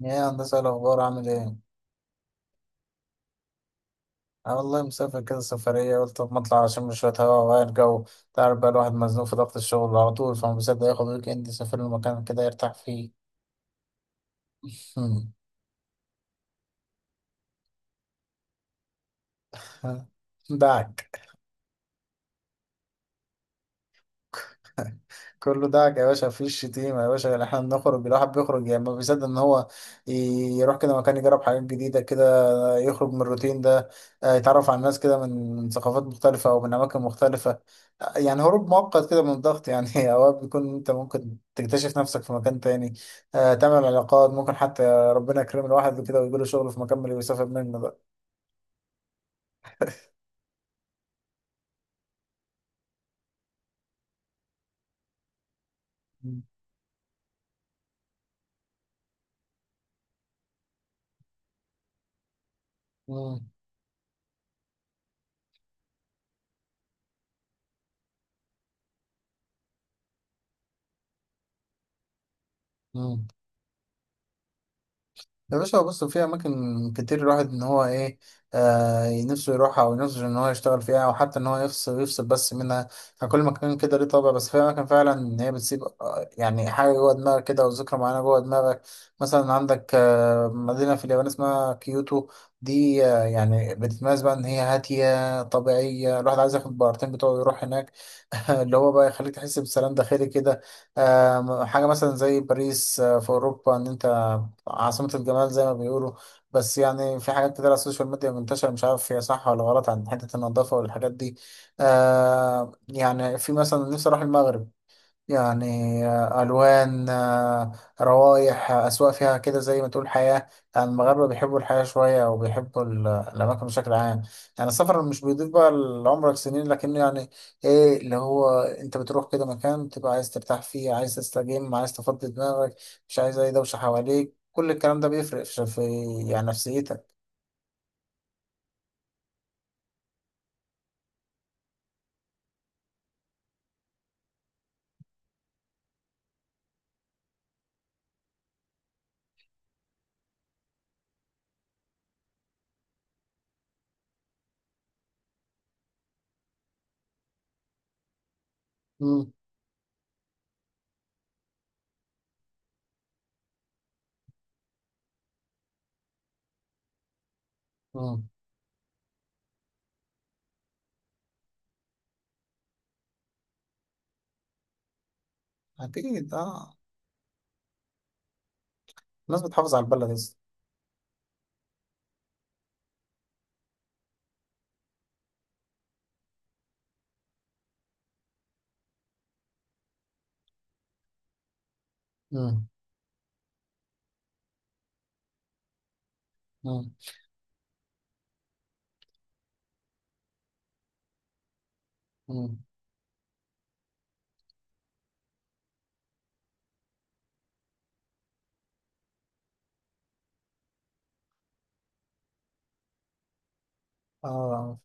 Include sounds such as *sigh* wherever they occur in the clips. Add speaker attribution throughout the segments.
Speaker 1: يا هندسة، إيه الأخبار؟ عامل إيه؟ أنا والله مسافر كده سفرية، قلت طب ما أطلع عشان شوية هوا وأغير جو. تعرف بقى الواحد مزنوق في ضغط الشغل على طول، فما بيصدق ياخد ويك إند يسافر له مكان كده يرتاح فيه. هم. دعك. *laughs* كله دعك يا باشا، مفيش شتيمة يا باشا. إحنا بنخرج، الواحد بيخرج يعني، ما بيصدق إن هو ي- يروح كده مكان، يجرب حاجات جديدة كده، يخرج من الروتين ده. يتعرف على ناس كده من ثقافات مختلفة أو من أماكن مختلفة. يعني هروب مؤقت كده من الضغط، يعني *laughs* أوقات بيكون أنت ممكن تكتشف نفسك في مكان تاني. تعمل علاقات، ممكن حتى ربنا يكرم الواحد كده ويجيله شغل في مكان اللي بيسافر منه بقى. مم. مم. يا باشا بص، في أماكن كتير الواحد إن هو إيه، نفسه يروحها أو نفسه إن هو يشتغل فيها، أو حتى إن هو يفصل بس منها. يعني كل مكان كده ليه طابع، بس في أماكن فعلا إن هي بتسيب يعني حاجة جوه دماغك كده، أو ذكرى معينة جوه دماغك. مثلا عندك مدينة في اليابان اسمها كيوتو. دي يعني بتتميز بقى إن هي هادية طبيعية، الواحد عايز ياخد بارتين بتوعه يروح هناك، *laughs* اللي هو بقى يخليك تحس بسلام داخلي كده. حاجة مثلا زي باريس، في أوروبا، إن أنت عاصمة الجمال زي ما بيقولوا. بس يعني في حاجات كتير على السوشيال ميديا منتشرة، مش عارف هي صح ولا غلط، عن حتة النظافة والحاجات دي. يعني في مثلا نفسي أروح المغرب، يعني ألوان، روائح، أذواق فيها، كده زي ما تقول حياة. يعني المغاربة بيحبوا الحياة شوية، أو بيحبوا الأماكن بشكل عام. يعني السفر مش بيضيف بقى لعمرك سنين، لكنه يعني إيه، اللي هو أنت بتروح كده مكان تبقى عايز ترتاح فيه، عايز تستجم، عايز تفضي دماغك، مش عايز أي دوشة حواليك. كل الكلام ده بيفرق في يعني نفسيتك. مم. مم. أكيد أه. الناس بتحافظ على البلد أصلا. مم. مم. مم. اه،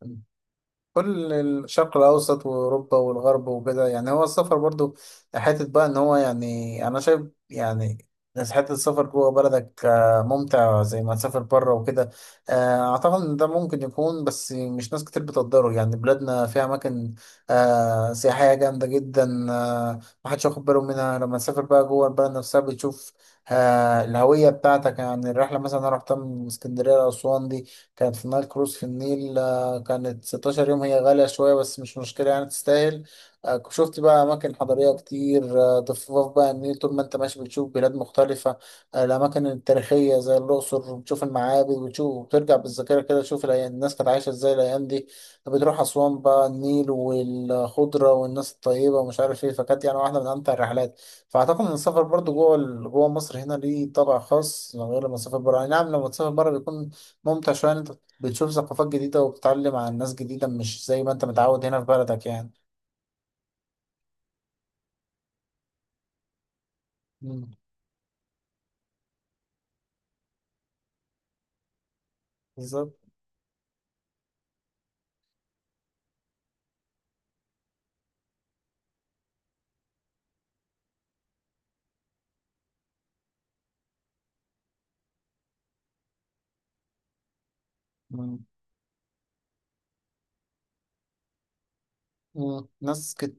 Speaker 1: كل الشرق الأوسط وأوروبا والغرب وكده. يعني هو السفر برضو حتة بقى إن هو، يعني أنا شايف يعني، بس حتة السفر جوه بلدك ممتع زي ما تسافر بره وكده. أعتقد إن ده ممكن يكون، بس مش ناس كتير بتقدره. يعني بلادنا فيها أماكن سياحية جامدة جدا، محدش واخد باله منها. لما تسافر بقى جوه البلد نفسها، بتشوف الهوية بتاعتك. يعني الرحلة مثلا أنا رحتها من اسكندرية لأسوان، دي كانت في نايل كروز في النيل. كانت 16 يوم، هي غالية شوية بس مش مشكلة يعني، تستاهل. شفت بقى أماكن حضارية كتير، ضفاف بقى النيل، طول ما أنت ماشي بتشوف بلاد مختلفة. الأماكن التاريخية زي الأقصر، بتشوف المعابد وتشوف وترجع بالذاكرة كده، تشوف الناس كانت عايشة إزاي الأيام دي. بتروح أسوان بقى، النيل والخضرة والناس الطيبة ومش عارف إيه، فكانت يعني واحدة من أمتع الرحلات. فأعتقد إن السفر برضو جوه جوه مصر هنا ليه طابع خاص، غير لما تسافر بره. يعني نعم لما تسافر بره بيكون ممتع شوية، إن أنت بتشوف ثقافات جديدة وبتتعلم عن ناس جديدة، مش زي ما انت متعود هنا في بلدك يعني. مم. بالظبط. مم. مم.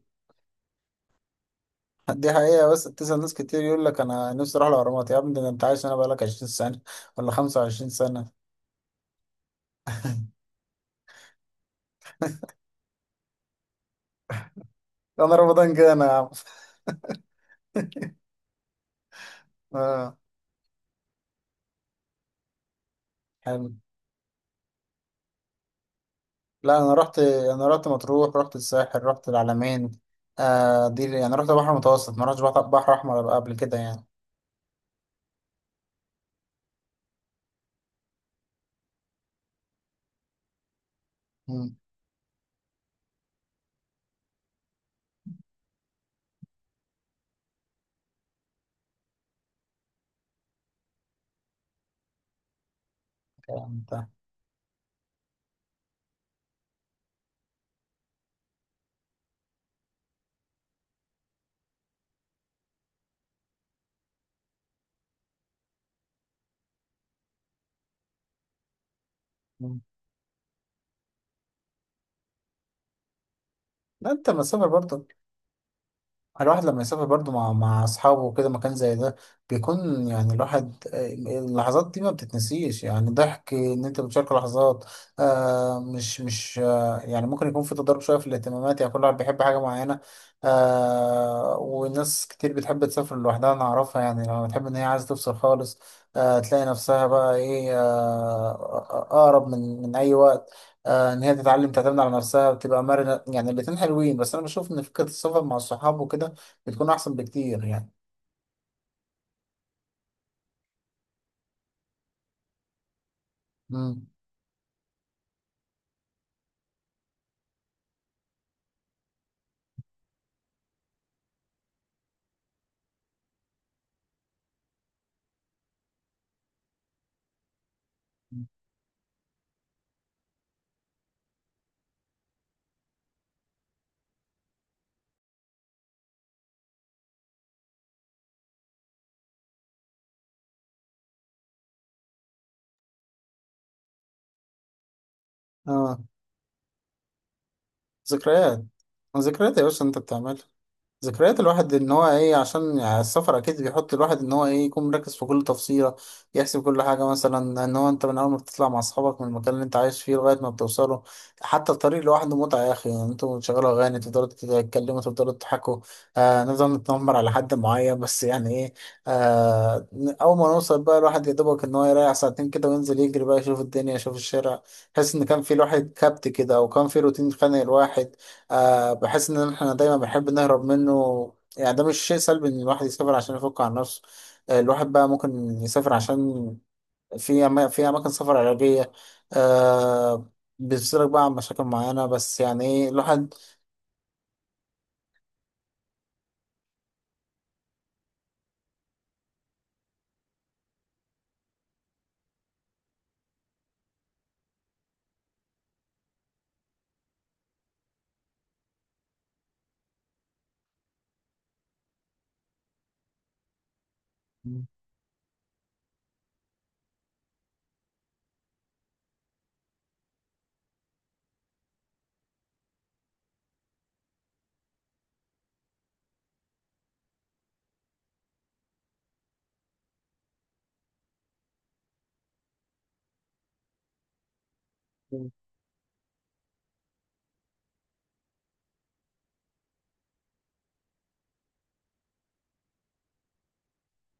Speaker 1: دي حقيقة، بس تسأل ناس كتير يقول لك أنا نفسي أروح الأهرامات. يا ابني ده أنت عايش هنا بقالك 20 سنة ولا 25 سنة. أنا رمضان جه أنا يا عم. آه، حلو. لا أنا رحت مطروح، رحت الساحل، رحت العلمين. دي يعني رحت بحر متوسط، ما رحتش بحر أحمر قبل كده يعني. مم. كلام ده. مم. لا أنت مسافر برضه، الواحد لما يسافر برضه مع أصحابه وكده مكان زي ده، بيكون يعني الواحد، اللحظات دي ما بتتنسيش. يعني ضحك، إن أنت بتشارك لحظات. مش يعني ممكن يكون في تضارب شوية في الاهتمامات، يعني كل واحد بيحب حاجة معينة. وناس كتير بتحب تسافر لوحدها، أنا أعرفها يعني. لما بتحب إن هي عايزة تفصل خالص، تلاقي نفسها بقى إيه، أقرب من أي وقت. ان هي تتعلم تعتمد على نفسها وتبقى مرنه. يعني الاتنين حلوين، بس انا بشوف ان فكره السفر مع الصحاب وكده بتكون احسن بكتير يعني. امم اه، ذكريات. ذكريات يا باشا انت بتعمل، ذكريات الواحد ان هو ايه، عشان يعني السفر اكيد بيحط الواحد ان هو ايه، يكون مركز في كل تفصيله، يحسب كل حاجه مثلا. ان هو انت من اول ما بتطلع مع اصحابك من المكان اللي انت عايش فيه لغايه ما بتوصله، حتى الطريق لوحده متعه يا اخي. يعني انتوا بتشغلوا اغاني، تفضلوا تتكلموا، تفضلوا تضحكوا، نفضل نتنمر على حد معين، بس يعني ايه. آه اول ما نوصل بقى الواحد يا دوبك ان هو يريح ساعتين كده، وينزل يجري بقى، يشوف الدنيا، يشوف الشارع، يحس ان كان في الواحد كبت كده، او كان في روتين خانق الواحد، بحس ان احنا دايما بنحب نهرب منه. يعني ده مش شيء سلبي ان الواحد يسافر عشان يفك عن نفسه. الواحد بقى ممكن يسافر عشان في اماكن سفر علاجية، آه بيفصلك بقى عن مشاكل معينة، بس يعني ايه الواحد. مم.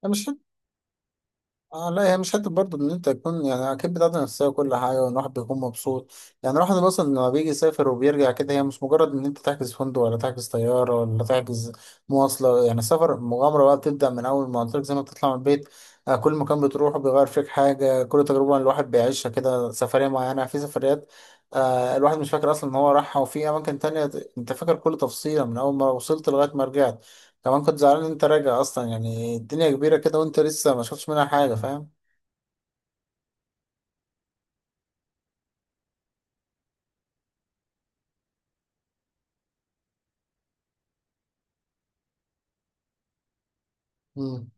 Speaker 1: مش اه لا، هي مش حته برضه ان انت تكون، يعني اكيد بتاعت نفسيه وكل حاجه، وان الواحد بيكون مبسوط. يعني الواحد مثلا لما بيجي يسافر وبيرجع كده، هي مش مجرد ان انت تحجز فندق ولا تحجز طياره ولا تحجز مواصله. يعني السفر مغامره بقى، بتبدا من اول ما قلت لك زي ما بتطلع من البيت. كل مكان بتروحه بيغير فيك حاجه، كل تجربه الواحد بيعيشها كده، سفريه معينه في سفريات الواحد مش فاكر اصلا ان هو راحها، وفي اماكن تانية انت فاكر كل تفصيله من اول ما وصلت لغايه ما رجعت، كمان كنت زعلان ان انت راجع اصلا. يعني الدنيا كبيرة كده وانت لسه ما شفتش منها حاجة، فاهم. امم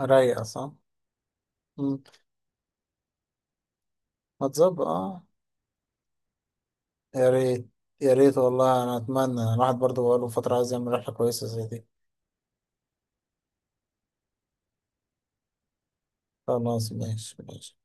Speaker 1: رايقة، صح. مم. ما تظبط، اه. يا ريت، يا ريت والله، انا اتمنى. الواحد برضه بقاله فترة عايز يعمل رحلة كويسة زي دي. خلاص ماشي، ماشي.